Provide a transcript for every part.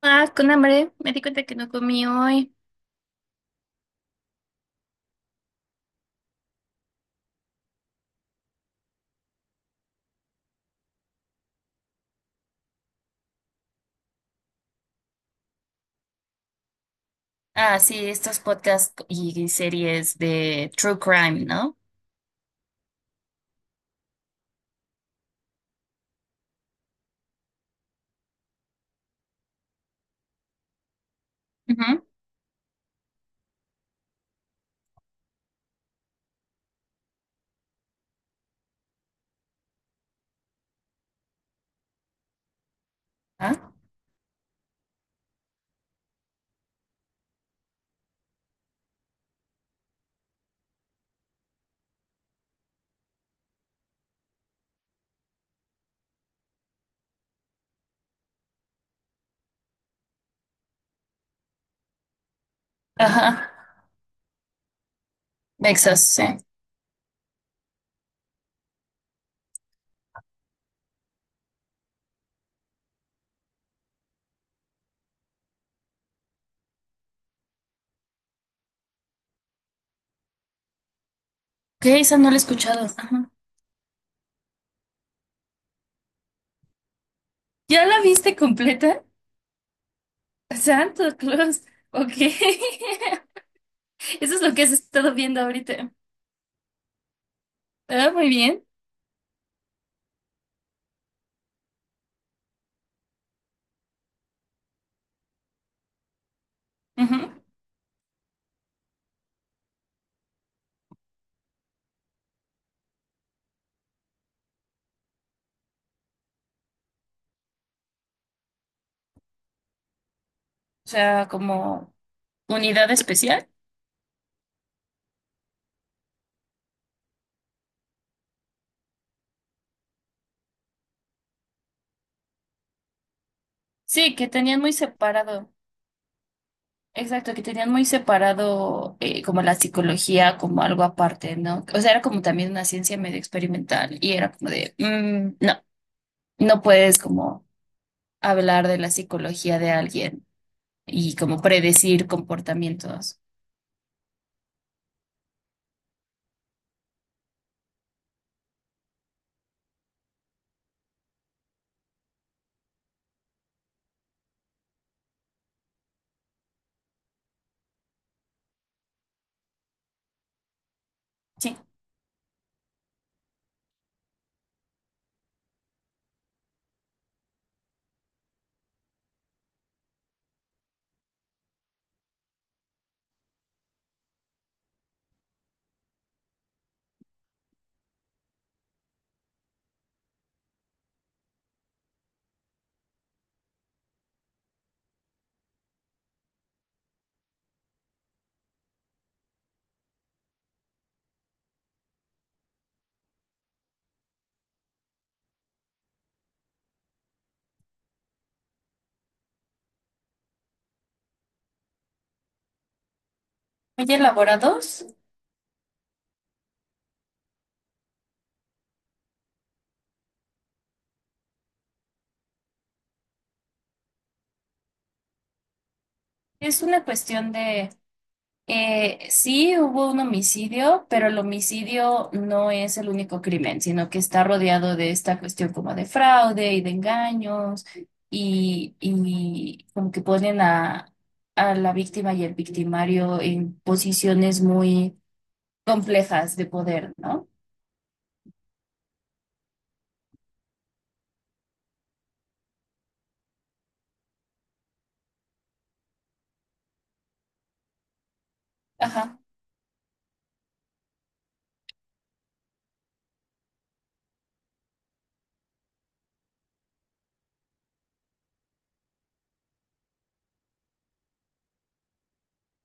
Ah, con hambre. Me di cuenta que no comí hoy. Ah, sí, estos podcasts y series de True Crime, ¿no? Ujú. Ah, ajá, Vexas, sí. ¿Qué? Esa no la he escuchado. Ajá. ¿Ya la viste completa? Santo Claus. Ok. Eso es lo que has estado viendo ahorita. Ah, muy bien. Ujú. O sea, como unidad especial. Sí, que tenían muy separado. Exacto, que tenían muy separado, como la psicología como algo aparte, ¿no? O sea, era como también una ciencia medio experimental y era como de: "Mm, no, no puedes como hablar de la psicología de alguien y como predecir comportamientos". Sí, muy elaborados. Es una cuestión de. Sí, hubo un homicidio, pero el homicidio no es el único crimen, sino que está rodeado de esta cuestión como de fraude y de engaños y como que ponen a la víctima y el victimario en posiciones muy complejas de poder, ¿no? Ajá.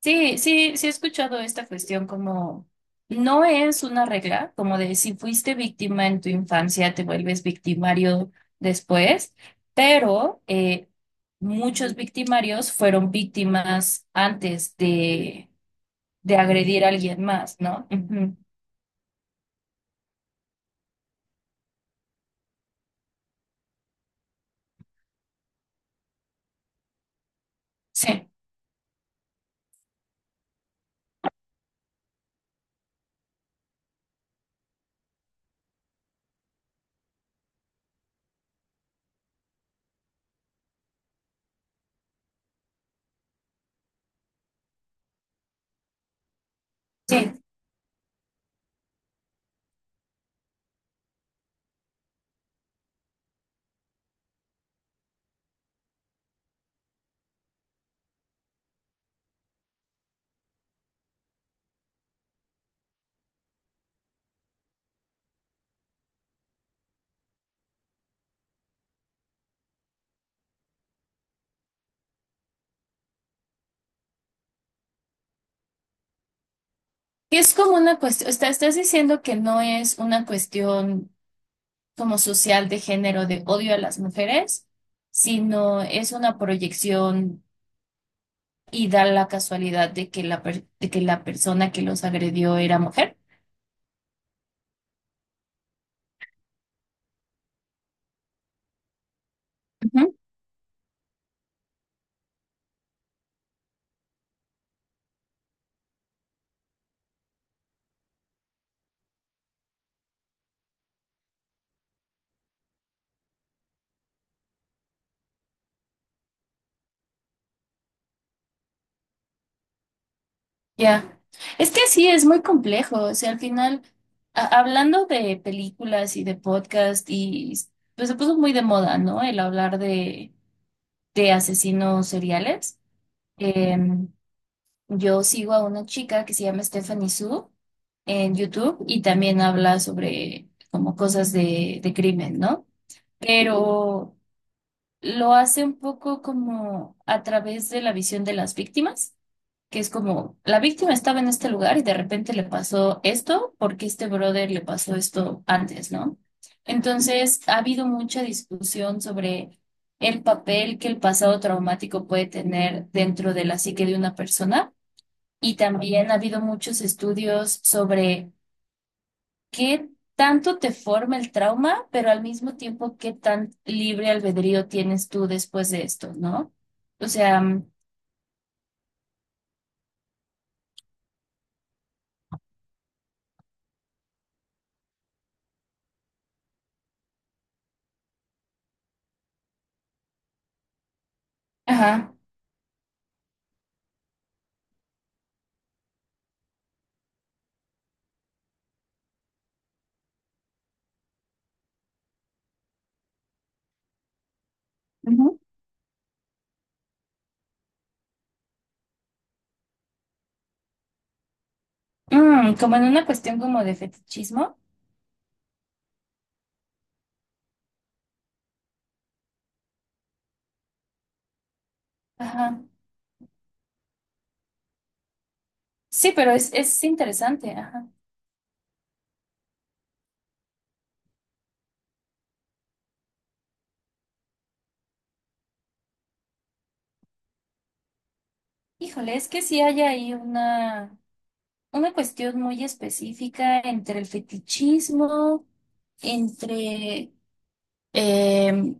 Sí, sí, sí he escuchado esta cuestión como no es una regla, como de si fuiste víctima en tu infancia, te vuelves victimario después, pero muchos victimarios fueron víctimas antes de, agredir a alguien más, ¿no? Ujú. Sí, sí. Y es como una cuestión, estás diciendo que no es una cuestión como social de género de odio a las mujeres, sino es una proyección y da la casualidad de que de que la persona que los agredió era mujer. Ujú. Ya. Es que sí, es muy complejo. O sea, al final, hablando de películas y de podcast, y pues se puso muy de moda, ¿no? El hablar de, asesinos seriales. Em, yo sigo a una chica que se llama Stephanie Su en YouTube y también habla sobre como cosas de crimen, ¿no? Pero lo hace un poco como a través de la visión de las víctimas, que es como la víctima estaba en este lugar y de repente le pasó esto porque este brother le pasó esto antes, ¿no? Entonces ha habido mucha discusión sobre el papel que el pasado traumático puede tener dentro de la psique de una persona y también ha habido muchos estudios sobre qué tanto te forma el trauma, pero al mismo tiempo qué tan libre albedrío tienes tú después de esto, ¿no? O sea, mm, ajá. Ujú. Mm, como en una cuestión como de fetichismo. Ajá. Sí, pero es interesante, ajá. Híjole, es que sí hay ahí una cuestión muy específica entre el fetichismo, entre eh,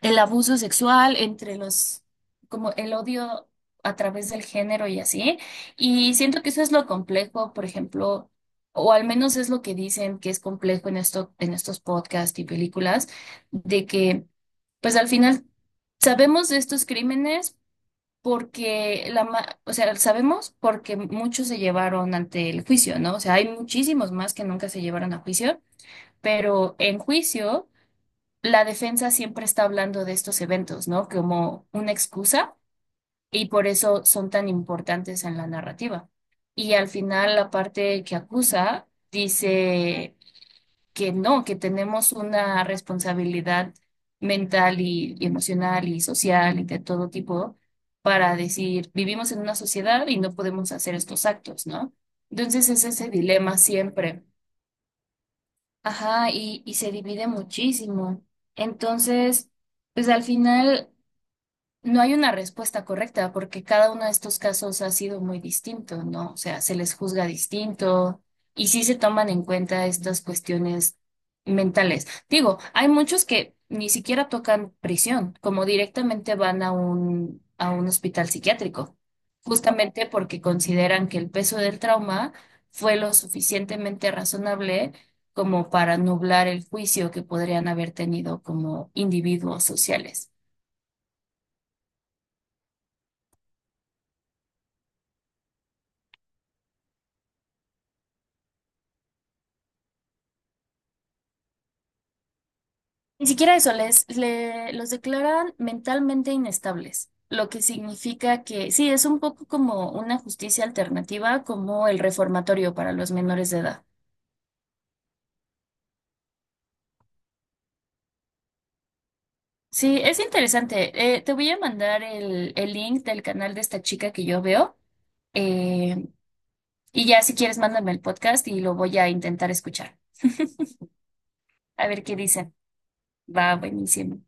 el abuso sexual entre los, como el odio a través del género y así. Y siento que eso es lo complejo, por ejemplo, o al menos es lo que dicen que es complejo en esto, en estos podcasts y películas, de que, pues al final sabemos de estos crímenes. Porque o sea, sabemos porque muchos se llevaron ante el juicio, ¿no? O sea, hay muchísimos más que nunca se llevaron a juicio, pero en juicio la defensa siempre está hablando de estos eventos, ¿no? Como una excusa y por eso son tan importantes en la narrativa. Y al final la parte que acusa dice que no, que tenemos una responsabilidad mental y emocional y social y de todo tipo para decir: vivimos en una sociedad y no podemos hacer estos actos, ¿no? Entonces es ese dilema siempre. Ajá, y se divide muchísimo. Entonces, pues al final. No hay una respuesta correcta porque cada uno de estos casos ha sido muy distinto, ¿no? O sea, se les juzga distinto y sí se toman en cuenta estas cuestiones mentales. Digo, hay muchos que ni siquiera tocan prisión, como directamente van a un, hospital psiquiátrico, justamente porque consideran que el peso del trauma fue lo suficientemente razonable como para nublar el juicio que podrían haber tenido como individuos sociales. Ni siquiera eso, los declaran mentalmente inestables, lo que significa que sí, es un poco como una justicia alternativa, como el reformatorio para los menores de edad. Sí, es interesante. Te voy a mandar el link del canal de esta chica que yo veo. eh, y ya si quieres, mándame el podcast y lo voy a intentar escuchar. A ver qué dicen. Va, buenísimo.